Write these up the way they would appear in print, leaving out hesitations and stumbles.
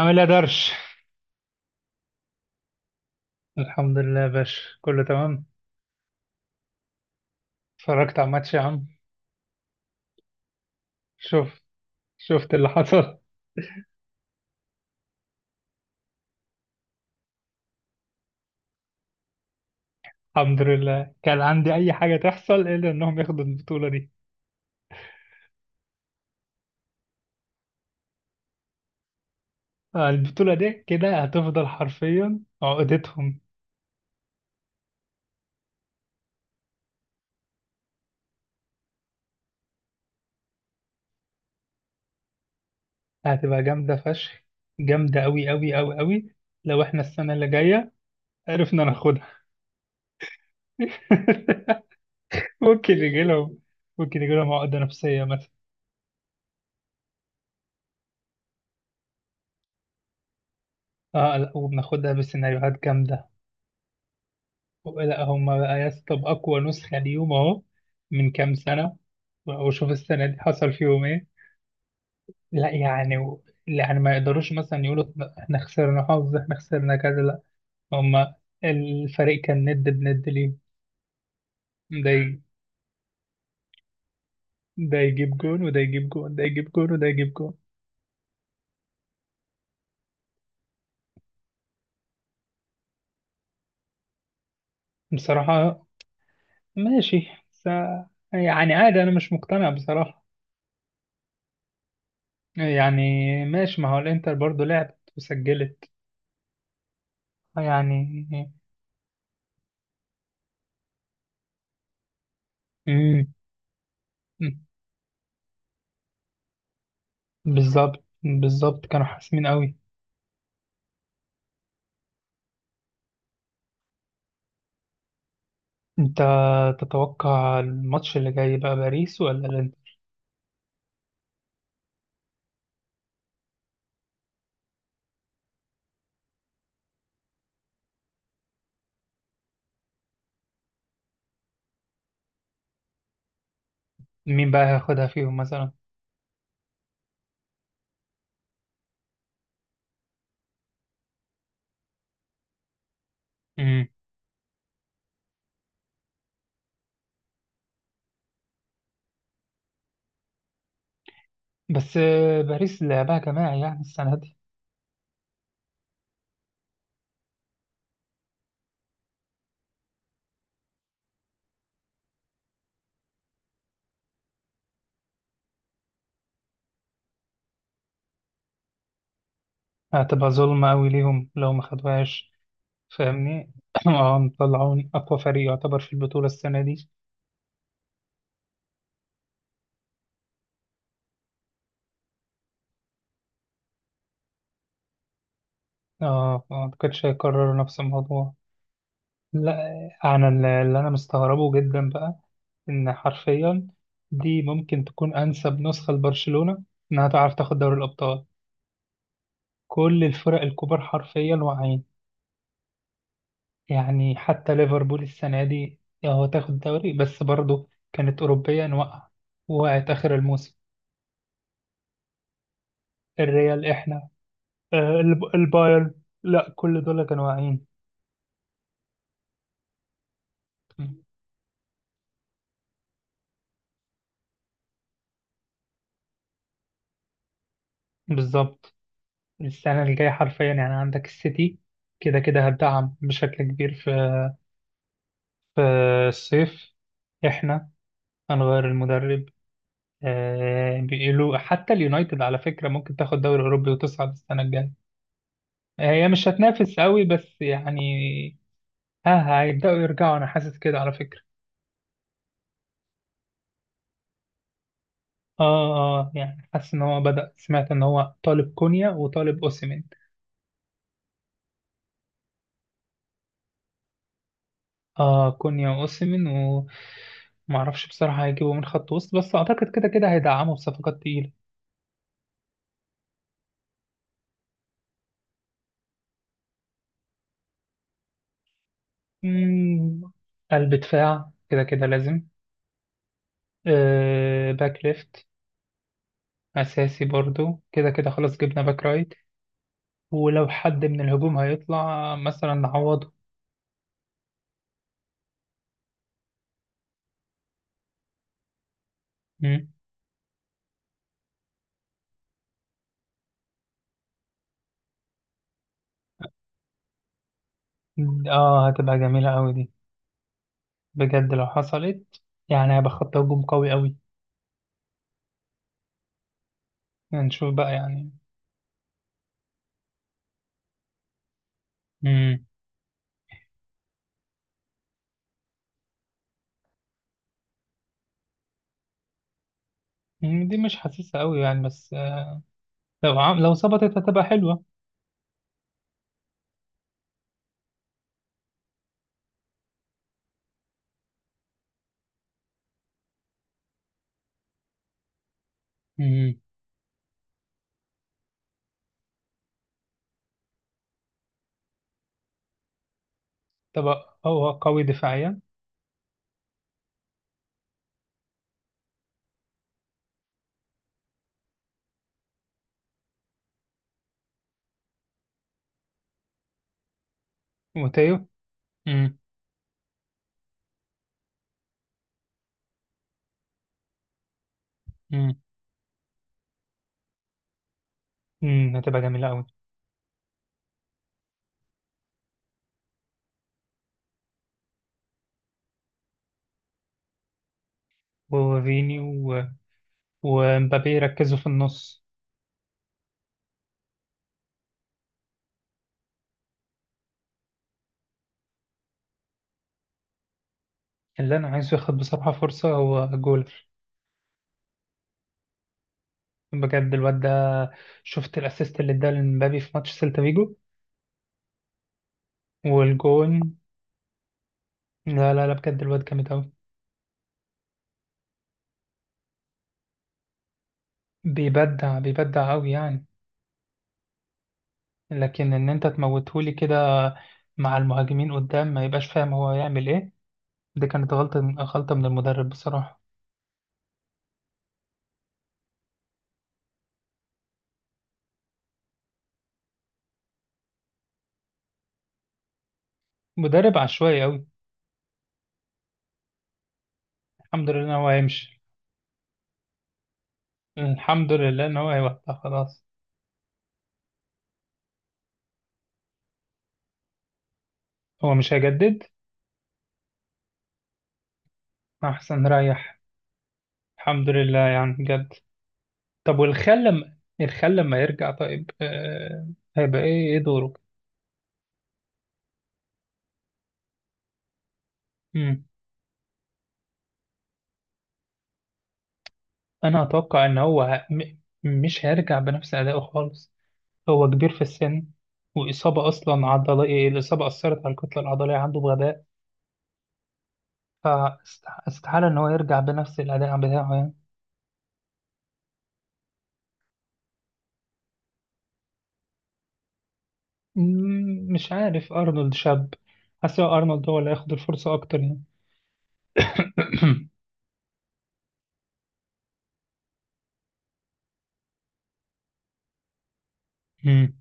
عامل ايه يا درش؟ الحمد لله يا باشا، كله تمام. اتفرجت على الماتش يا عم؟ شوف. شفت اللي حصل. الحمد لله، كان عندي اي حاجه تحصل الا انهم ياخدوا البطوله دي. آه، البطوله دي كده هتفضل حرفيا عقدتهم. هتبقى جامده فشخ. جامده قوي قوي قوي قوي. لو احنا السنه اللي جايه عرفنا ناخدها. ممكن يجي لهم ممكن يجي لهم عقده نفسيه مثلا. اه، لا، وبناخدها بسيناريوهات جامده. لا هم بقى يا اسطى، بأقوى نسخة ليهم أهو. من كام سنة. وشوف السنة دي حصل فيهم إيه. لا يعني ما يقدروش مثلا يقولوا إحنا خسرنا حظ، إحنا خسرنا كذا، لا. هم، الفريق كان ند بند ليه. ده ي... ده يجيب جون وده يجيب جون، ده يجيب جون وده يجيب جون. بصراحة، ماشي س... يعني عادي، أنا مش مقتنع بصراحة. يعني ماشي، ما هو الإنتر برضه لعبت وسجلت يعني. مم. بالظبط، بالظبط كانوا حاسمين قوي. انت تتوقع الماتش اللي جاي بقى، باريس ولا الانتر؟ مين بقى هياخدها فيهم مثلا؟ امم بس آه، باريس لعبها جماعي يعني السنة دي. هتبقى ظلمة قوي ليهم لو ما خدوهاش. فاهمني. اه، مطلعون اقوى فريق يعتبر في البطولة السنة دي. اه، ما اعتقدش هيكرروا نفس الموضوع. لا. انا اللي انا مستغربه جدا بقى، ان حرفيا دي ممكن تكون انسب نسخه لبرشلونه انها تعرف تاخد دوري الابطال. كل الفرق الكبار حرفيا واعيين. يعني حتى ليفربول السنه دي هو تاخد الدوري بس برضه كانت اوروبيا واقعه، وقعت اخر الموسم. الريال احنا، آه، البايرن، لا كل دول كانوا واعيين. بالظبط. السنه الجايه حرفيا يعني عندك السيتي، كده كده هتدعم بشكل كبير في الصيف. احنا هنغير المدرب. آه، بيقولوا حتى اليونايتد على فكرة ممكن تاخد دوري أوروبي وتصعد السنة الجاية. آه، هي مش هتنافس قوي بس يعني ها هيبدأوا يرجعوا، أنا حاسس كده على فكرة. اه، اه، يعني حاسس إن هو بدأ، سمعت إن هو طالب كونيا وطالب أوسيمين. اه، كونيا وأوسيمين. ومعرفش بصراحة هيجيبوا من خط وسط بس أعتقد كده كده هيدعموا بصفقات تقيلة. مم، قلب دفاع كده كده لازم. آه، باك ليفت أساسي برضو كده كده، خلاص جبنا باك رايت. ولو حد من الهجوم هيطلع مثلا نعوضه. مم. اه، هتبقى جميلة أوي دي، بجد لو حصلت. يعني هيبقى خط هجوم قوي أوي. هنشوف بقى يعني. مم. دي مش حاسسها أوي يعني، بس آه، لو ظبطت هتبقى حلوة. مم. تبقى هو قوي دفاعيا. وتيو. مم. مم. هتبقى جميلة أوي. وفيني ومبابي يركزوا في النص. اللي انا عايزه ياخد بصراحه فرصه هو جول. بجد الواد ده، شفت الاسيست اللي اداه لمبابي في ماتش سيلتا فيجو والجون. لا، لا، لا، بجد الواد جامد قوي. بيبدع بيبدع قوي يعني. لكن ان انت تموتهولي كده مع المهاجمين قدام ما يبقاش فاهم هو يعمل ايه. دي كانت غلطه من المدرب بصراحه. مدرب عشوائي قوي. الحمد لله ان هو هيمشي. الحمد لله ان هو هيوقع خلاص. هو مش هيجدد. احسن ريح. الحمد لله يعني بجد. طب والخال لما الخال لما يرجع طيب، هيبقى ايه دوره؟ مم. انا اتوقع ان هو مش هيرجع بنفس ادائه خالص. هو كبير في السن. واصابه اصلا عضليه، الاصابه اثرت على الكتله العضليه عنده بغباء. فاستحاله ان هو يرجع بنفس الاداء بتاعه يعني. مش عارف ارنولد شاب، حاسس هو ارنولد هو اللي هياخد الفرصه اكتر يعني. مم.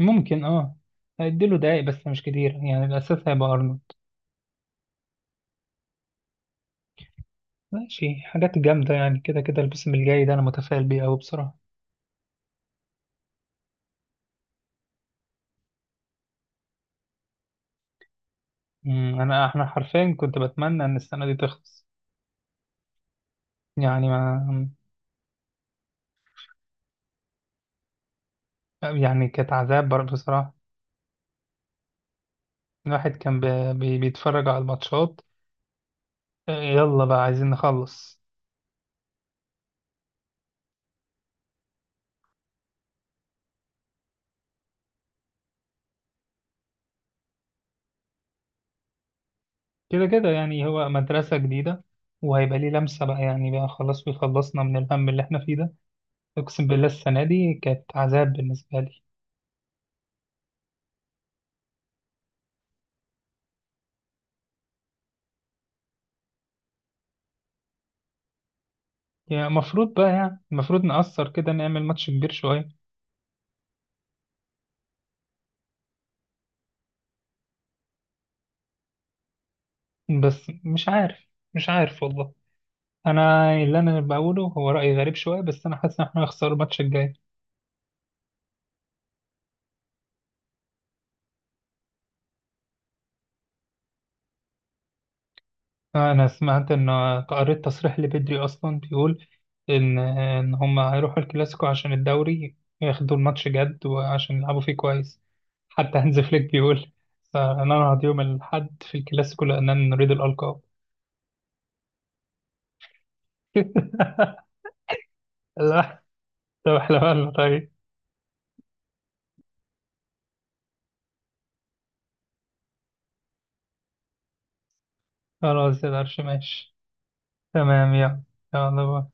ممكن اه، هيديله دقايق بس مش كتير يعني الاساس هيبقى ارنولد. ماشي، حاجات جامدة يعني، كده كده الموسم الجاي ده أنا متفائل بيه أوي بصراحة. أمم، أنا إحنا حرفيا كنت بتمنى إن السنة دي تخلص، يعني ما يعني كانت عذاب بصراحة. الواحد كان بيتفرج على الماتشات. آه، يلا بقى عايزين نخلص. كده كده يعني هو مدرسة جديدة، وهيبقى ليه لمسة بقى يعني بقى خلاص بيخلصنا من الهم اللي إحنا فيه ده. أقسم بالله السنة دي كانت عذاب بالنسبة لي. يعني المفروض بقى يعني المفروض نأثر كده، نعمل ماتش كبير شوية. بس مش عارف. مش عارف والله. انا اللي انا بقوله هو راي غريب شويه، بس انا حاسس ان احنا هنخسر الماتش الجاي. انا سمعت ان، قريت تصريح لبدري اصلا بيقول ان هم هيروحوا الكلاسيكو عشان الدوري ياخدوا الماتش جد وعشان يلعبوا فيه كويس. حتى هانز فليك بيقول سننهض يوم الاحد في الكلاسيكو لاننا نريد الالقاب. لا. طب احنا مالنا طيب؟ خلاص يا درش، ماشي. تمام يلا. يلا باي.